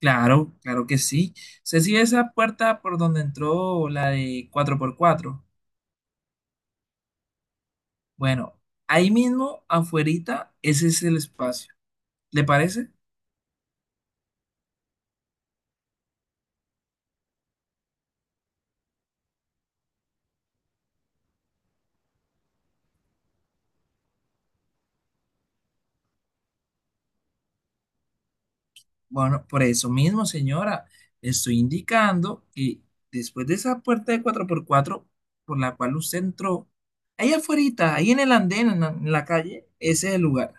Claro, claro que sí. ¿Se sigue esa puerta por donde entró la de cuatro por cuatro? Bueno, ahí mismo, afuerita, ese es el espacio. ¿Le parece? Bueno, por eso mismo, señora, le estoy indicando que después de esa puerta de cuatro por cuatro, por la cual usted entró, ahí afuerita, ahí en el andén, en la calle, ese es el lugar.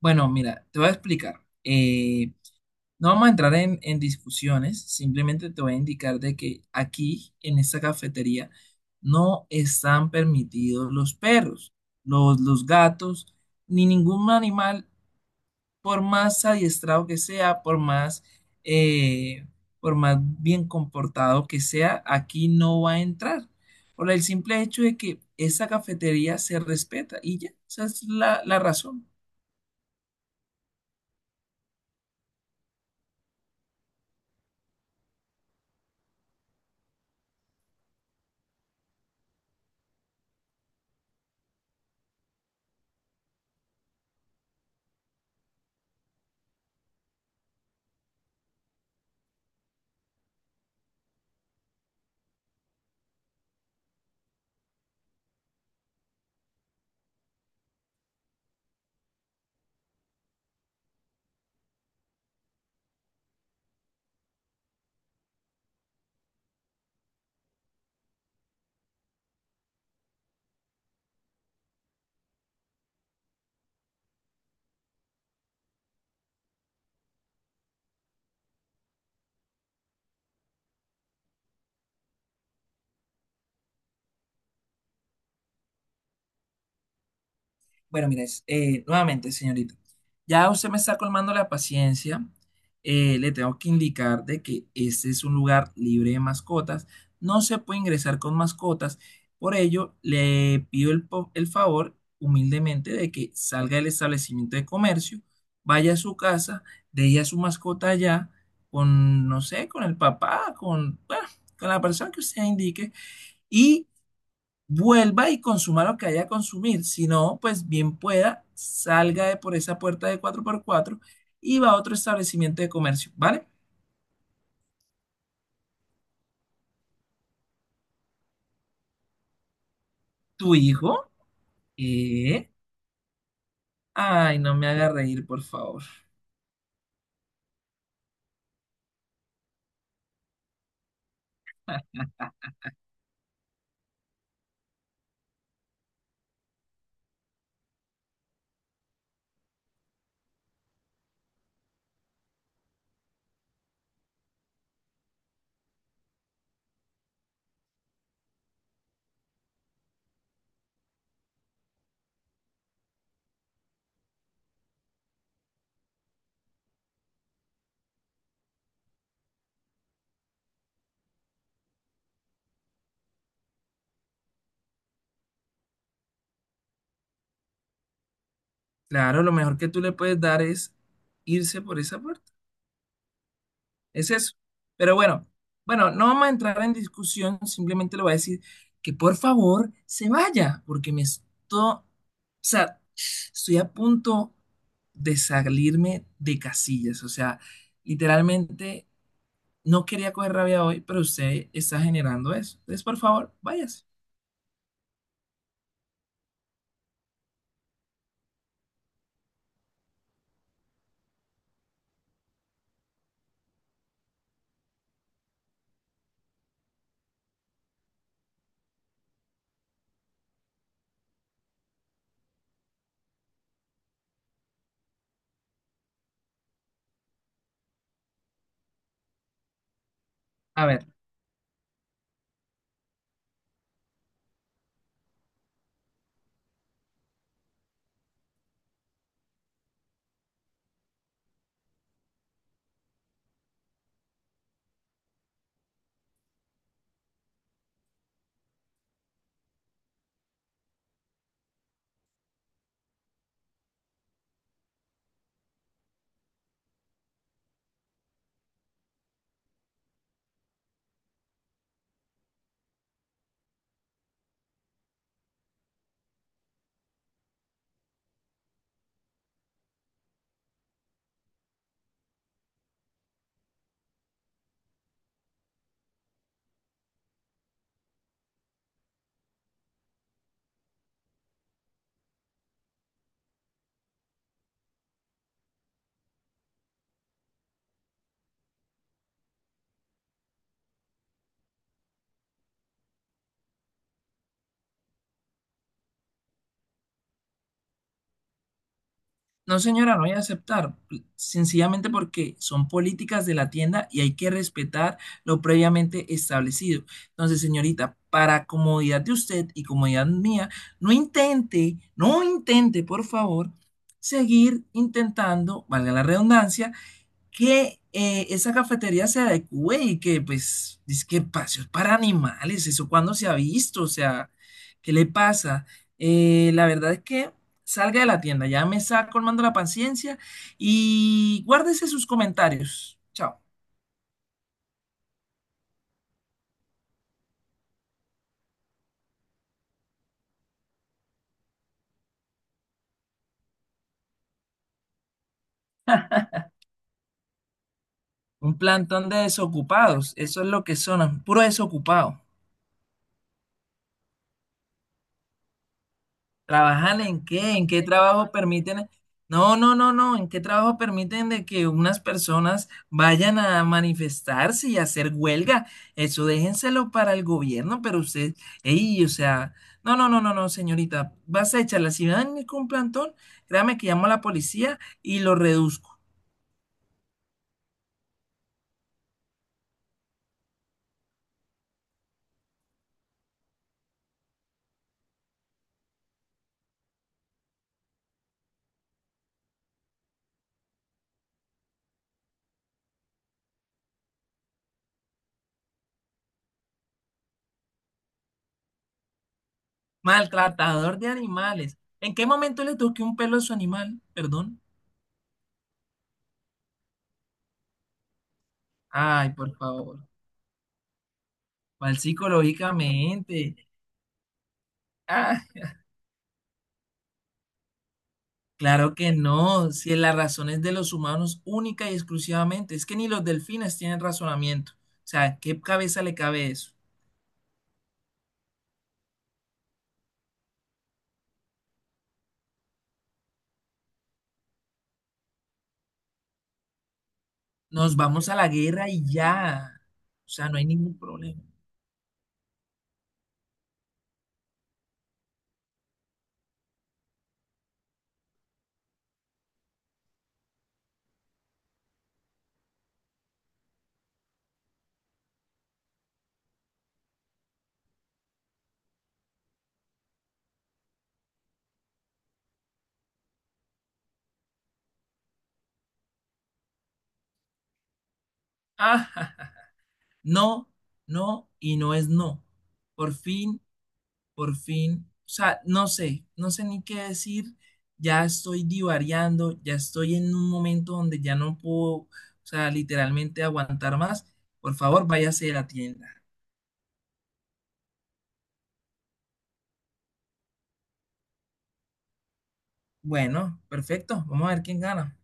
Bueno, mira, te voy a explicar. No vamos a entrar en discusiones, simplemente te voy a indicar de que aquí, en esta cafetería, no están permitidos los perros, los gatos, ni ningún animal, por más adiestrado que sea, eh, por más bien comportado que sea, aquí no va a entrar. Por el simple hecho de que esa cafetería se respeta y ya, esa es la razón. Bueno, mire, nuevamente, señorita, ya usted me está colmando la paciencia. Le tengo que indicar de que este es un lugar libre de mascotas. No se puede ingresar con mascotas. Por ello, le pido el favor humildemente de que salga del establecimiento de comercio, vaya a su casa, deje a su mascota allá con, no sé, con el papá, con, bueno, con la persona que usted indique y vuelva y consuma lo que haya que consumir. Si no, pues bien pueda, salga de por esa puerta de cuatro por cuatro y va a otro establecimiento de comercio, ¿vale? Tu hijo, eh, ay, no me haga reír, por favor. Claro, lo mejor que tú le puedes dar es irse por esa puerta. Es eso. Pero bueno, no vamos a entrar en discusión, simplemente le voy a decir que por favor se vaya, porque me estoy, o sea, estoy a punto de salirme de casillas, o sea, literalmente no quería coger rabia hoy, pero usted está generando eso. Entonces, por favor, váyase. A ver. No, señora, no voy a aceptar, sencillamente porque son políticas de la tienda y hay que respetar lo previamente establecido. Entonces, señorita, para comodidad de usted y comodidad mía, no intente, no intente, por favor, seguir intentando, valga la redundancia, que esa cafetería se adecue y que, pues, es que espacios para animales, eso cuando se ha visto, o sea, ¿qué le pasa? La verdad es que salga de la tienda, ya me está colmando la paciencia y guárdese sus comentarios. Chao. Un plantón de desocupados, eso es lo que son, puro desocupado. ¿Trabajar en qué? ¿En qué trabajo permiten? No, no, no, no. ¿En qué trabajo permiten de que unas personas vayan a manifestarse y hacer huelga? Eso déjenselo para el gobierno, pero usted, ey, o sea, no, no, no, no, no, señorita. Vas a echarla. Si van con un plantón, créame que llamo a la policía y lo reduzco. Maltratador de animales. ¿En qué momento le toqué un pelo a su animal? Perdón. Ay, por favor. Mal psicológicamente. Claro que no, si la razón es de los humanos única y exclusivamente, es que ni los delfines tienen razonamiento. O sea, ¿qué cabeza le cabe eso? Nos vamos a la guerra y ya. O sea, no hay ningún problema. Ah, ja, ja. No, no y no es no. Por fin, por fin. O sea, no sé, no sé ni qué decir. Ya estoy divariando, ya estoy en un momento donde ya no puedo, o sea, literalmente aguantar más. Por favor, váyase a la tienda. Bueno, perfecto. Vamos a ver quién gana.